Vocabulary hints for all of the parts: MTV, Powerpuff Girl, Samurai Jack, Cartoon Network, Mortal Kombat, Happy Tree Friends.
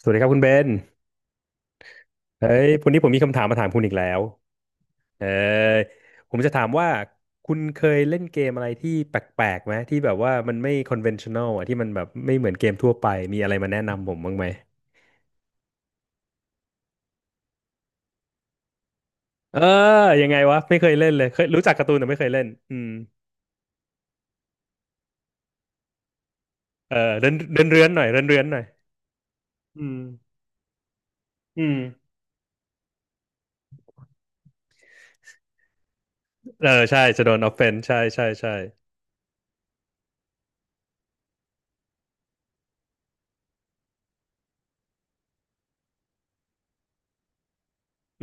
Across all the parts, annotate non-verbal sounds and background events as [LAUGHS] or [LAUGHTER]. สวัสดีครับคุณเบนเฮ้ยวันนี้ผมมีคำถามมาถามคุณอีกแล้วเออผมจะถามว่าคุณเคยเล่นเกมอะไรที่แปลกๆไหมที่แบบว่ามันไม่ conventional อ่ะที่มันแบบไม่เหมือนเกมทั่วไปมีอะไรมาแนะนำผมบ้างไหมเออยังไงวะไม่เคยเล่นเลยเคยรู้จักการ์ตูนแต่ไม่เคยเล่นอืมเออเดินเดินเรือนหน่อยเดินเรือนหน่อยอืมอืมเออใช่จะโดน offense ใช่ใช่ใช่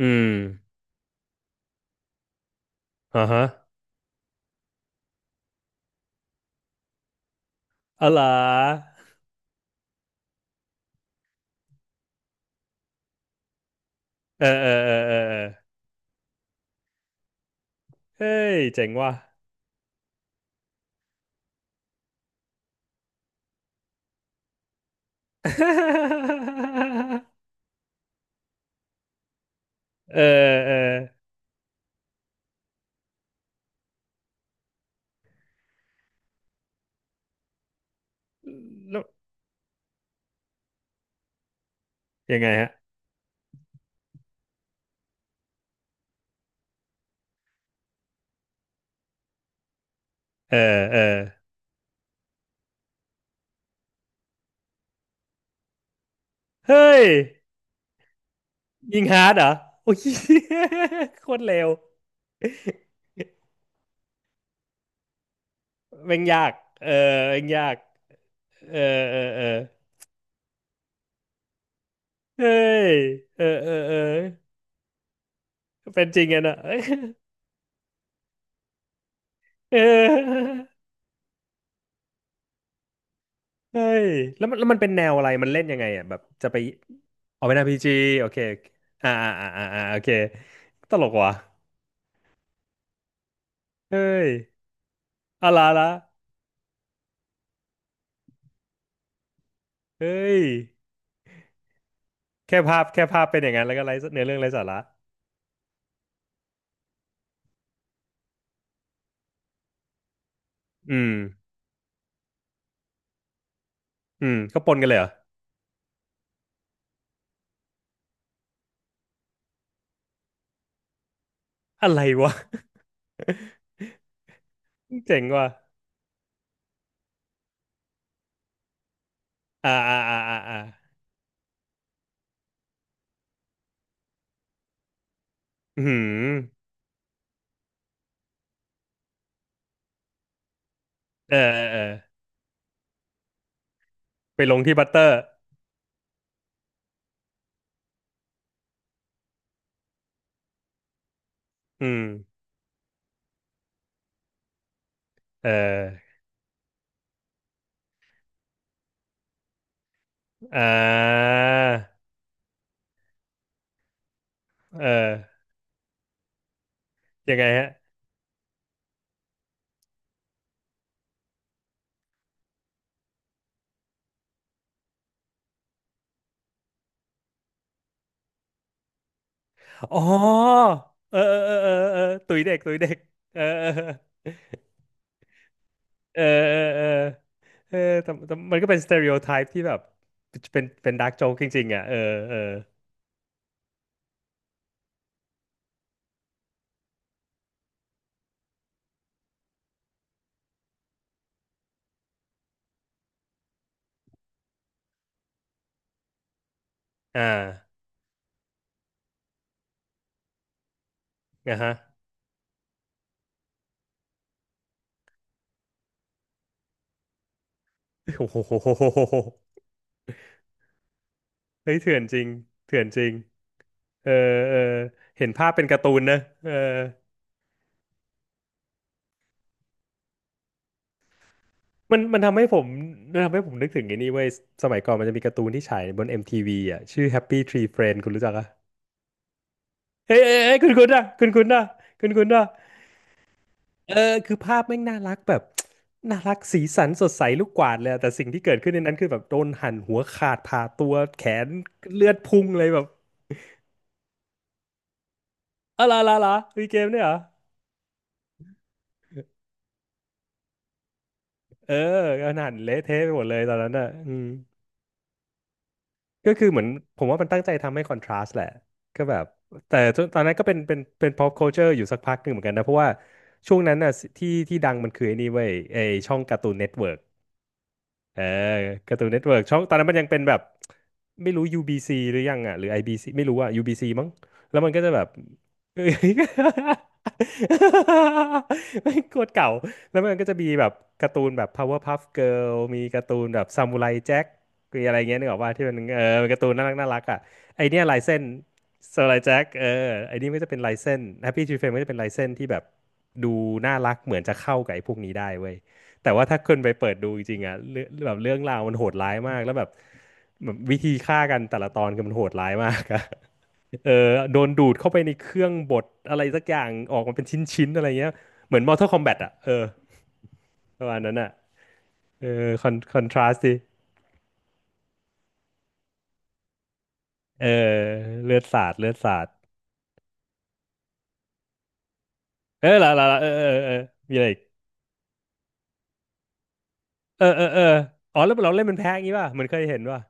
อืมอ่าฮะอะไรอเออเออเออเออเออเฮ้ยเจ๋งว่ะ [LAUGHS] เออเออแล้วยังไงฮะเออเออเฮ้ยยิงฮาร์ดเหรอโอ้ย [LAUGHS] โคตรเร็วแม่งยากเออแม่งยากเออเออเออเฮ้ยเออเออเออเป็นจริงอะนะ [LAUGHS] เอ้ยเออเฮ้ยแล้วมันแล้วมันเป็นแนวอะไรมันเล่นยังไงอ่ะแบบจะไปเอาเป็น RPG โอเคอ่าอ่าอ่าอ่าโอเคตลกว่ะเฮ้ย อะไรละเฮ้ยแค่ภาพแค่ภาพเป็นอย่างนั้นแล้วก็ไร้เนื้อเรื่องไร้สาระอืมอืมก็ปนกันเลยเหรอ อะไรวะ [LAUGHS] เจ๋งว่ะอ่าอ่าอ่าอ่าอ่าอืมเออเออเออไปลงที่บัตเตอร์อืมเอออ่าเออยังไงฮะอ๋อเออเออเออเออเออตุยเด็กตุยเด็กเออเออ เออเออเออเออแต่แต่มันก็เป็นสเตอริโอไทป์ที่แบบเป็นเป็นดาร์กโจ๊กจริงๆอ่ะเออเอออ่านะฮะโอ้โหเฮ้ยเถื่อนจริงเถื่อนจริงเออเออเห็นภาพเป็นการ์ตูนนะเออมันมันทำให้ผมมันทำให้ผมนึกถึงไอ้นี่เว้ยสมัยก่อนมันจะมีการ์ตูนที่ฉายบน MTV อมทีวีอ่ะชื่อ Happy Tree Friends คุณรู้จักอ่ะเฮ้ยเฮ้ยเฮ้ยคุณคุณอ่ะคุณคุณอ่ะคุณคุณอ่ะ เออคือภาพแม่งน่ารักแบบ [TSK] น่ารักสีสันสดใสลูกกวาดเลยอะแต่สิ่งที่เกิดขึ้นในนั้นคือแบบโดนหั่นหัวขาดผ่าตัวแขนเลือดพุ่งเลยแบบอะไรล่ะล่ะมีเกมเนี่ยเหรอเออก็หั่นเละเทะไปหมดเลยตอนนั้นอ่ะอืมก็คือเหมือนผมว่ามันตั้งใจทำให้คอนทราสต์แหละก็แบบแต่ตอนนั้นก็เป็นเป็นเป็น pop culture อยู่สักพักหนึ่งเหมือนกันนะเพราะว่าช่วงนั้นน่ะที่ที่ดังมันคือไอ้นี่เว้ยไอ้ช่องการ์ตูนเน็ตเวิร์ก เออการ์ตูนเน็ตเวิร์กช่องตอนนั้นมันยังเป็นแบบไม่รู้ UBC หรือยังอ่ะหรือ IBC ไม่รู้อ่ะ UBC มั้งแล้วมันก็จะแบบ [LAUGHS] ไม่งโคตรเก่าแล้วมันก็จะมีแบบการ์ตูนแบบ Powerpuff Girl มีการ์ตูนแบบซามูไรแจ็คมีอะไรเงี้ยนึกออกว่าที่มันเออเป็นการ์ตูนน่ารักน่ารักอ่ะไอเนี้ยลายเส้นซามูไรแจ็คเออไอนี่มันก็จะเป็นลายเส้น Happy Tree Friends มันก็จะเป็นลายเส้นที่แบบดูน่ารักเหมือนจะเข้ากับไอ้พวกนี้ได้เว้ย แต่ว่าถ้าคนไปเปิดดูจริงๆอ่ะเรื่องแบบเรื่องราวมันโหดร้ายมากแล้วแบบแบบวิธีฆ่ากันแต่ละตอนคือมันโหดร้ายมากอะ [LAUGHS] เออโดนดูดเข้าไปในเครื่องบดอะไรสักอย่างออกมาเป็นชิ้นๆอะไรเงี้ยเหมือน Mortal Kombat อ่ะเออประมาณนั้นอ่ะเออคอนคอนทราสต์ดิเออเลือดสาดเลือดสาดเออละละละเออเออเออมีอะไรอีกเออเออเอออ๋อแล้วเราเล่นเป็นแพ้อย่างงี้ป่ะเหมันเคยเห็นป่ะ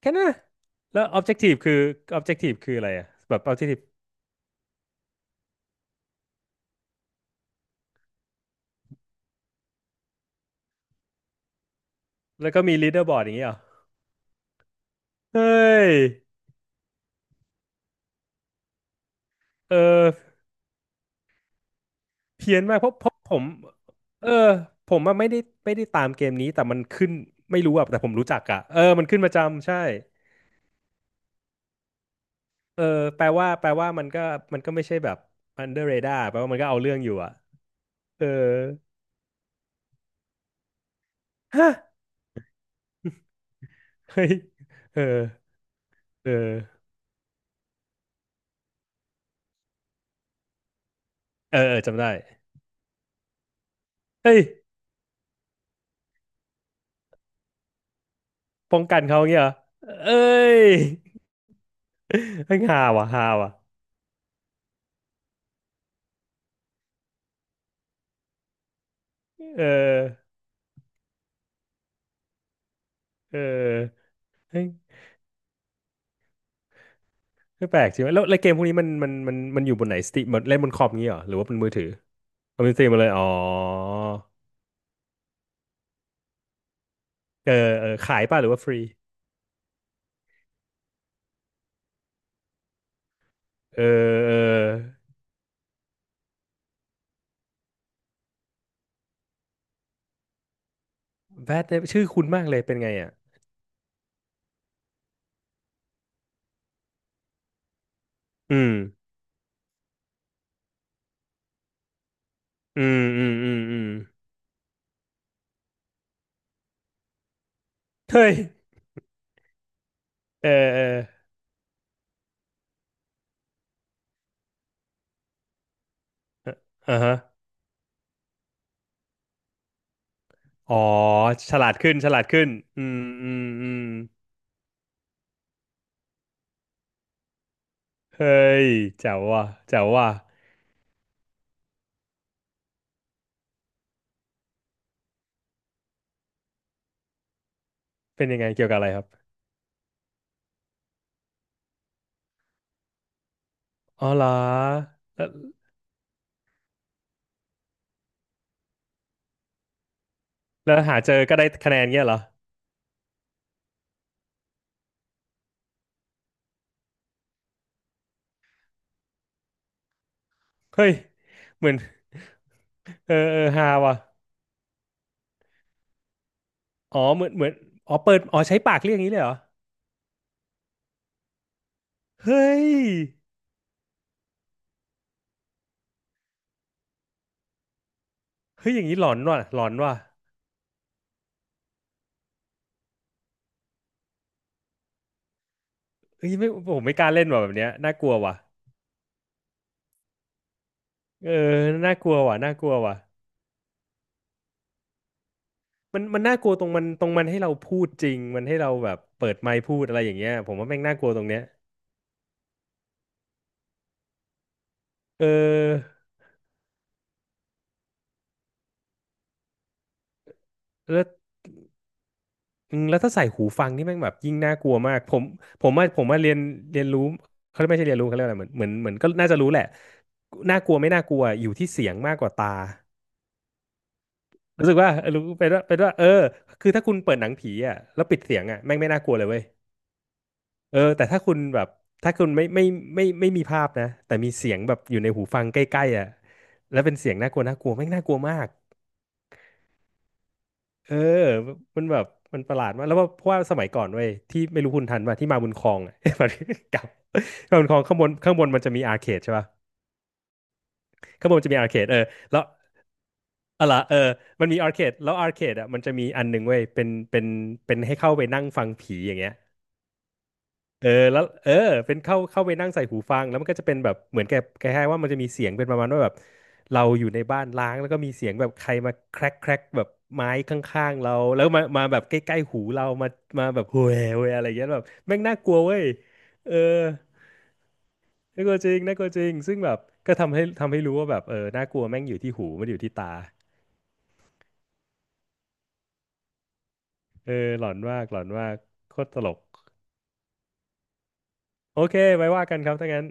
แค่นั้นนะแล้ว objective คือ objective คืออะไรอ่ะแบบ objective แล้วก็มี leaderboard อย่างงี้เหรอเฮ้ย เออเพี้ยนมากเพราะเพราะผมเออผมอะไม่ได้ไม่ได้ตามเกมนี้แต่มันขึ้นไม่รู้อะแต่ผมรู้จักอะเออมันขึ้นประจำใช่เออแปลว่าแปลว่ามันก็มันก็ไม่ใช่แบบ under radar แปลว่ามันก็เอาเรื่องอยู่อะเออฮะเฮ้ยเออเออเออเออจำได้เฮ้ยป้องกันเขาอย่างเงี้ยเหรอเอ้ยเฮ้ยฮาว่ะฮาว่ะเออเออเฮ้ย คือแปลกจริงวะแล้วเกมพวกนี้มันอยู่บนไหนสตรีมเล่นบนคอมงี้เหรอหรือว่าเป็นมือถือเอาเป็นสตรีมมาเลยอ๋อเออเออขายป่ะหรือว่าฟรีเออเออแบทชื่อคุณมากเลยเป็นไงอ่ะอืมอืมเฮ้ยเออเอออ่าฮะอ๋อฉลาดขึ้นฉลาดขึ้นอืมอืมเฮ้ยแจ๋วว่ะแจ๋วว่ะเป็นยังไงเกี่ยวกับอะไรครับอ๋อเหรอแล้วหาเจอก็ได้คะแนนเงี้ยเหรอเฮ้ยเหมือนเออเออฮาว่ะ อ๋อเหมือนอ๋อเปิดอ๋อใช้ปากเรียกอย่างนี้เลยเหรอเฮ้ยเฮ้ยอย่างนี้หลอนว่ะหลอนว่ะเฮ้ยไม่ผมไม่กล้าเล่นว่ะแบบเนี้ยน่ากลัวว่ะเออน่ากลัวว่ะน่ากลัวว่ะมันน่ากลัวตรงมันให้เราพูดจริงมันให้เราแบบเปิดไมค์พูดอะไรอย่างเงี้ยผมว่าแม่งน่ากลัวตรงเนี้ยเออแล้วอืมแล้วถ้าใส่หูฟังนี่แม่งแบบยิ่งน่ากลัวมากผมผมว่าเรียนเรียนรู้เขาไม่ใช่เรียนรู้เขาเรียกอะไรเหมือนก็น่าจะรู้แหละน่ากลัวไม่น่ากลัวอยู่ที่เสียงมากกว่าตา รู้สึกว่าเออรู้เป็นว่าเออคือถ้าคุณเปิดหนังผีอ่ะแล้วปิดเสียงอ่ะแม่งไม่น่ากลัวเลยเว้ยเออแต่ถ้าคุณแบบถ้าคุณไม่ไม่มีภาพนะแต่มีเสียงแบบอยู่ในหูฟังใกล้ๆอ่ะแล้วเป็นเสียงน่ากลัวน่ากลัวแม่งน่ากลัวมากเออมันแบบมันประหลาดมากแล้วว่าเพราะว่าสมัยก่อนเว้ยที่ไม่รู้คุณทันป่ะที่มาบุญครองอ่ะ [LAUGHS] แบบกับมาบุญครองข้างบนมันจะมีอาร์เคดใช่ป่ะข้างบนมันจะมีอาร์เคดเออแล้วอะล่ะเออมันมีอาร์เคดแล้วอาร์เคดอ่ะมันจะมีอันหนึ่งเว้ยเป็นให้เข้าไปนั่งฟังผีอย่างเงี้ย เออแล้วเออเป็นเข้าไปนั่งใส่หูฟังแล้วมันก็จะเป็นแบบเหมือนแกแกให้ายๆว่ามันจะมีเสียงเป็นประมาณว่าแบบเราอยู่ในบ้านล้างแล้วก็มีเสียงแบบใครมาแครกแครกแบบไม้ข้างๆเราแล้วมาแบบใกล้ๆหูเรามาแบบโวยโวยอะไรอย่างเงี้ยแบบแม่งน่ากลัวเว้ยเออน่ากลัวจริงน่ากลัวจริงซึ่งแบบก็ทำให้รู้ว่าแบบเออน่ากลัวแม่งอยู่ที่หูไม่ได้อยู่ที่ตาเออหลอนมากหลอนมากโคตรตลกโอเคไว้ว่ากันครับถ้างั้น